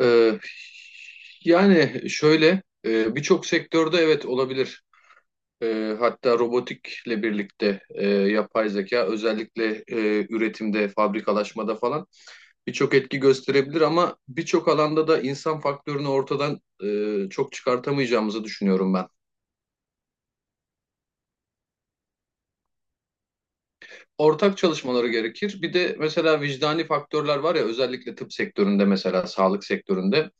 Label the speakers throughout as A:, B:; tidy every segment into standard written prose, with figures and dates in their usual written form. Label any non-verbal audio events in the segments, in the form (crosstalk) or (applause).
A: Ee, Yani şöyle birçok sektörde evet olabilir. Hatta robotikle birlikte yapay zeka özellikle üretimde, fabrikalaşmada falan birçok etki gösterebilir ama birçok alanda da insan faktörünü ortadan çok çıkartamayacağımızı düşünüyorum ben. Ortak çalışmaları gerekir. Bir de mesela vicdani faktörler var ya, özellikle tıp sektöründe, mesela sağlık sektöründe.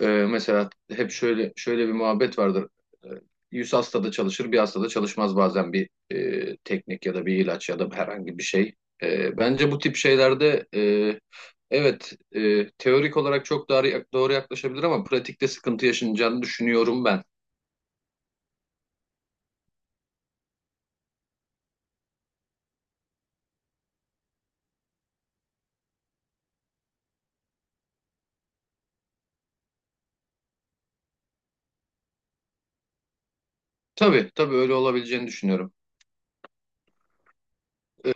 A: Mesela hep şöyle şöyle bir muhabbet vardır. Ee, 100 hastada çalışır, bir hastada çalışmaz bazen bir teknik ya da bir ilaç ya da herhangi bir şey. Bence bu tip şeylerde evet teorik olarak çok doğru yaklaşabilir ama pratikte sıkıntı yaşanacağını düşünüyorum ben. Tabii tabii, öyle olabileceğini düşünüyorum. Ee,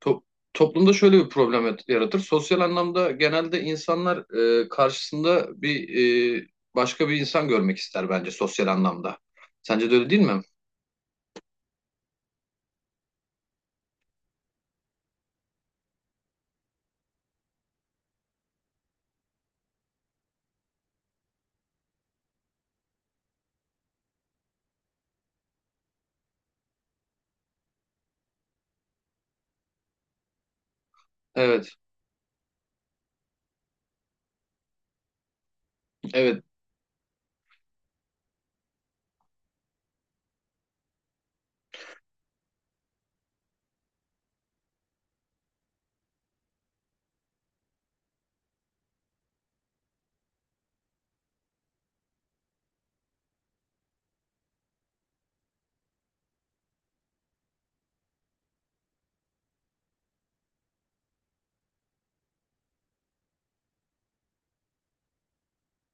A: To- Toplumda şöyle bir problem yaratır. Sosyal anlamda genelde insanlar karşısında bir başka bir insan görmek ister bence, sosyal anlamda. Sence de öyle değil mi? Evet, evet.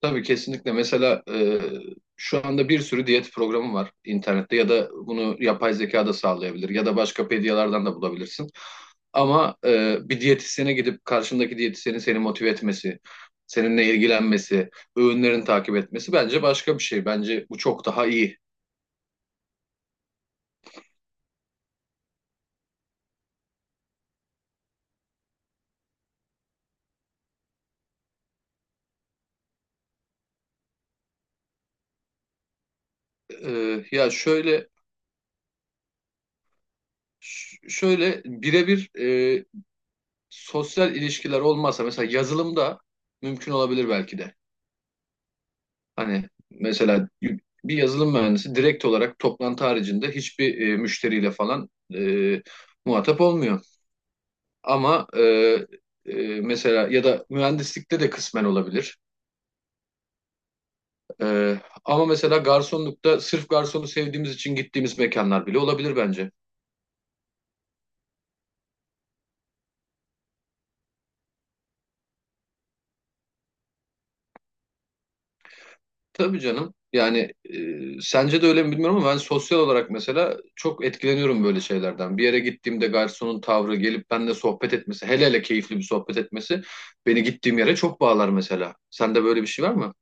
A: Tabii, kesinlikle. Mesela şu anda bir sürü diyet programı var internette ya da bunu yapay zeka da sağlayabilir ya da başka pediyalardan da bulabilirsin. Ama bir diyetisyene gidip karşındaki diyetisyenin seni motive etmesi, seninle ilgilenmesi, öğünlerini takip etmesi bence başka bir şey. Bence bu çok daha iyi. Ya şöyle, şöyle birebir e, sosyal ilişkiler olmazsa mesela yazılımda mümkün olabilir belki de. Hani mesela bir yazılım mühendisi direkt olarak toplantı haricinde hiçbir müşteriyle falan e, muhatap olmuyor. Ama e, mesela ya da mühendislikte de kısmen olabilir. E, Ama mesela garsonlukta sırf garsonu sevdiğimiz için gittiğimiz mekanlar bile olabilir bence. Tabii canım. Yani sence de öyle mi bilmiyorum ama ben sosyal olarak mesela çok etkileniyorum böyle şeylerden. Bir yere gittiğimde garsonun tavrı, gelip benimle sohbet etmesi, hele hele keyifli bir sohbet etmesi beni gittiğim yere çok bağlar mesela. Sende böyle bir şey var mı?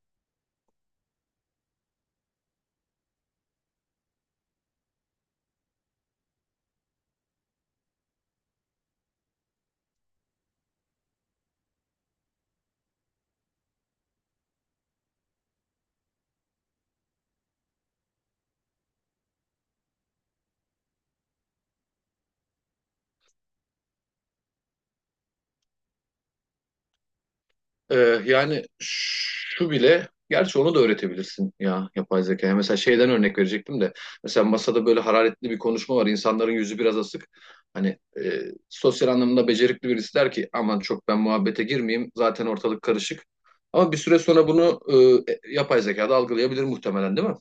A: Ee, Yani şu bile, gerçi onu da öğretebilirsin ya yapay zekaya. Mesela şeyden örnek verecektim de, mesela masada böyle hararetli bir konuşma var, insanların yüzü biraz asık. Hani e, sosyal anlamda becerikli birisi der ki, aman çok ben muhabbete girmeyeyim, zaten ortalık karışık. Ama bir süre sonra bunu yapay zekada algılayabilir muhtemelen, değil mi?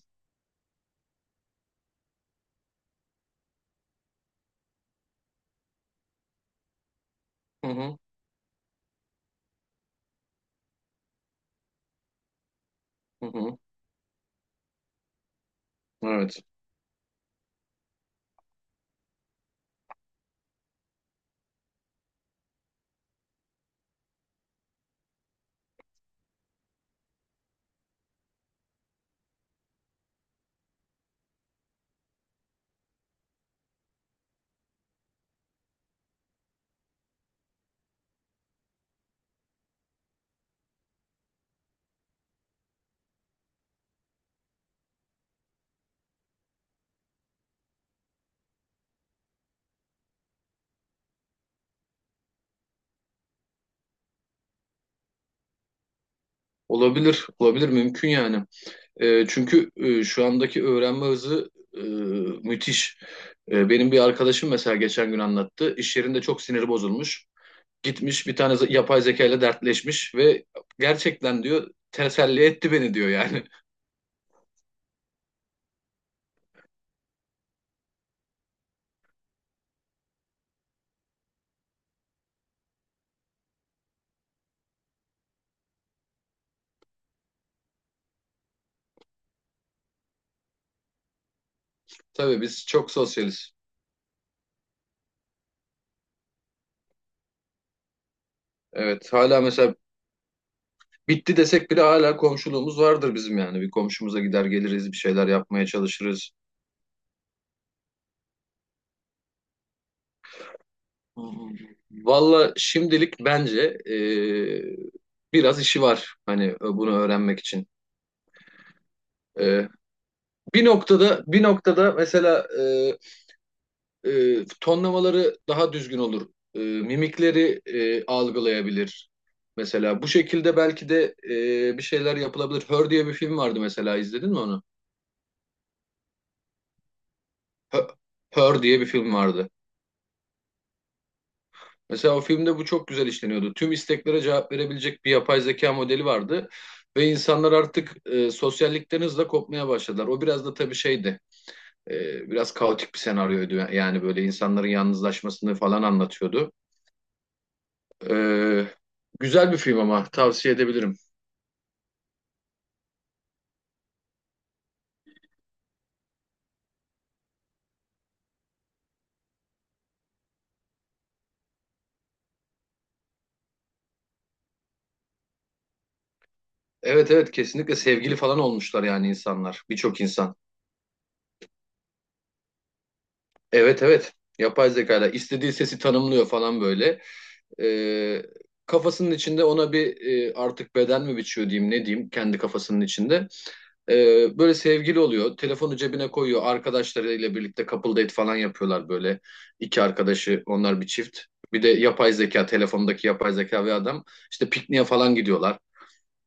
A: Hı hı, hı hı. Evet. Olabilir, olabilir, mümkün yani. Çünkü şu andaki öğrenme hızı e, müthiş. Benim bir arkadaşım mesela geçen gün anlattı. İş yerinde çok siniri bozulmuş. Gitmiş bir tane yapay zeka ile dertleşmiş ve gerçekten diyor teselli etti beni, diyor yani. (laughs) Tabii, biz çok sosyaliz. Evet, hala mesela bitti desek bile hala komşuluğumuz vardır bizim yani. Bir komşumuza gider geliriz, bir şeyler yapmaya çalışırız. Valla şimdilik bence e, biraz işi var hani bunu öğrenmek için. E, Bir noktada, bir noktada mesela tonlamaları daha düzgün olur. Mimikleri algılayabilir. Mesela bu şekilde belki de bir şeyler yapılabilir. Her diye bir film vardı, mesela izledin mi onu? Her, Her diye bir film vardı. Mesela o filmde bu çok güzel işleniyordu. Tüm isteklere cevap verebilecek bir yapay zeka modeli vardı ve insanlar artık sosyallikten hızla kopmaya başladılar. O biraz da tabii şeydi, biraz kaotik bir senaryoydu. Yani böyle insanların yalnızlaşmasını falan anlatıyordu. Ee, Güzel bir film, ama tavsiye edebilirim. Evet, evet, kesinlikle sevgili falan olmuşlar yani insanlar. Birçok insan. Evet, evet. Yapay zekayla istediği sesi tanımlıyor falan, böyle. Ee, Kafasının içinde ona bir artık beden mi biçiyor diyeyim, ne diyeyim, kendi kafasının içinde. Böyle sevgili oluyor. Telefonu cebine koyuyor. Arkadaşlarıyla birlikte couple date falan yapıyorlar böyle. İki arkadaşı onlar bir çift. Bir de yapay zeka, telefondaki yapay zeka ve adam işte pikniğe falan gidiyorlar.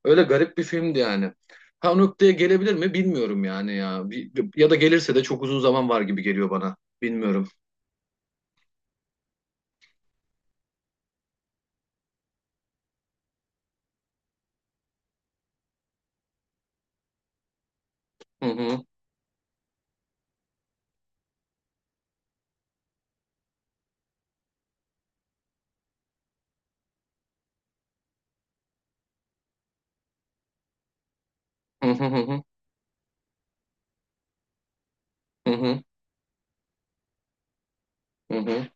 A: Öyle garip bir filmdi yani. Ha, o noktaya gelebilir mi bilmiyorum yani ya. Ya da gelirse de çok uzun zaman var gibi geliyor bana. Bilmiyorum. Hı hı. Hı hı, hı hı. Hı hı. Hı hı.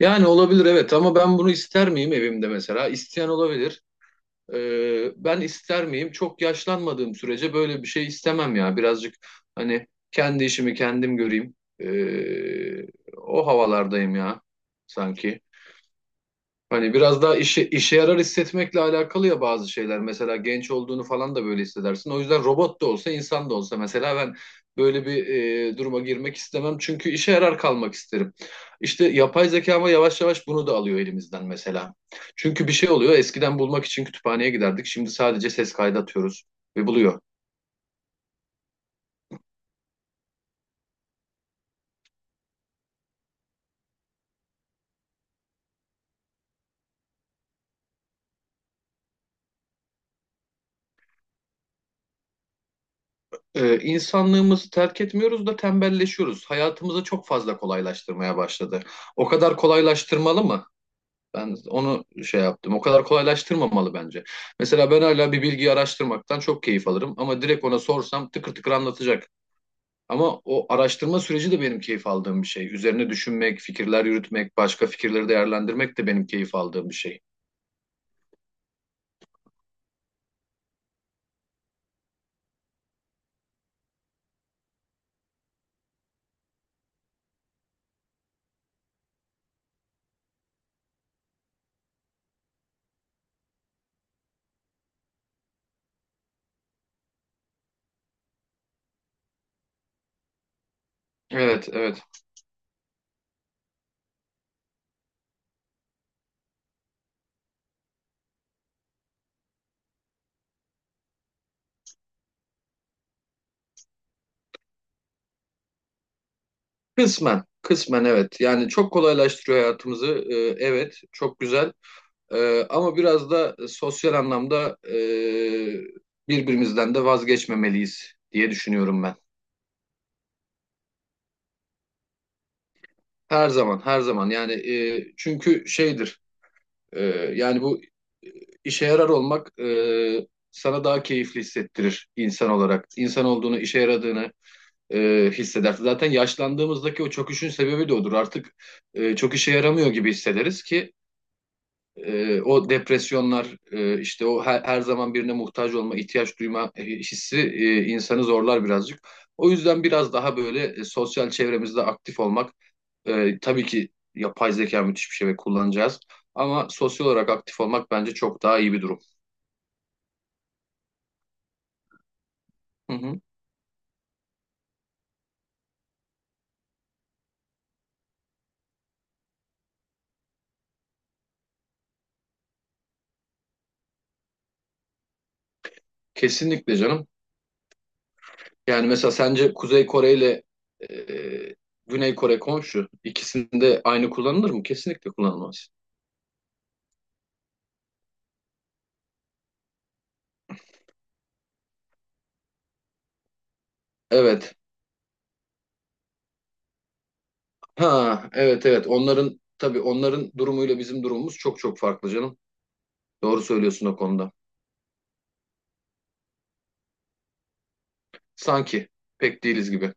A: Yani olabilir, evet, ama ben bunu ister miyim evimde mesela? İsteyen olabilir. Ben ister miyim? Çok yaşlanmadığım sürece böyle bir şey istemem ya. Birazcık hani kendi işimi kendim göreyim. O havalardayım ya sanki. Hani biraz daha işe yarar hissetmekle alakalı ya bazı şeyler. Mesela genç olduğunu falan da böyle hissedersin. O yüzden robot da olsa, insan da olsa mesela ben böyle bir duruma girmek istemem. Çünkü işe yarar kalmak isterim. İşte yapay zeka ama yavaş yavaş bunu da alıyor elimizden mesela. Çünkü bir şey oluyor. Eskiden bulmak için kütüphaneye giderdik. Şimdi sadece ses kaydı atıyoruz ve buluyor. İnsanlığımızı terk etmiyoruz da tembelleşiyoruz. Hayatımızı çok fazla kolaylaştırmaya başladı. O kadar kolaylaştırmalı mı? Ben onu şey yaptım. O kadar kolaylaştırmamalı bence. Mesela ben hala bir bilgiyi araştırmaktan çok keyif alırım, ama direkt ona sorsam tıkır tıkır anlatacak. Ama o araştırma süreci de benim keyif aldığım bir şey. Üzerine düşünmek, fikirler yürütmek, başka fikirleri değerlendirmek de benim keyif aldığım bir şey. Evet, evet. Kısmen, kısmen, evet. Yani çok kolaylaştırıyor hayatımızı. Evet, çok güzel. Ama biraz da sosyal anlamda birbirimizden de vazgeçmemeliyiz diye düşünüyorum ben. Her zaman, her zaman. Yani çünkü şeydir. e, Yani bu e, işe yarar olmak sana daha keyifli hissettirir insan olarak. İnsan olduğunu, işe yaradığını hissedersin. Zaten yaşlandığımızdaki o çöküşün sebebi de odur. Artık çok işe yaramıyor gibi hissederiz ki o depresyonlar, işte o her zaman birine muhtaç olma, ihtiyaç duyma hissi insanı zorlar birazcık. O yüzden biraz daha böyle sosyal çevremizde aktif olmak tabii ki yapay zeka müthiş bir şey ve kullanacağız. Ama sosyal olarak aktif olmak bence çok daha iyi bir durum. Hı hı. Kesinlikle canım. Yani mesela sence Kuzey Kore ile e, Güney Kore komşu, ikisinde aynı kullanılır mı? Kesinlikle kullanılmaz. Evet. Ha, evet, evet. Onların, tabii, onların durumuyla bizim durumumuz çok çok farklı canım. Doğru söylüyorsun o konuda. Sanki pek değiliz gibi.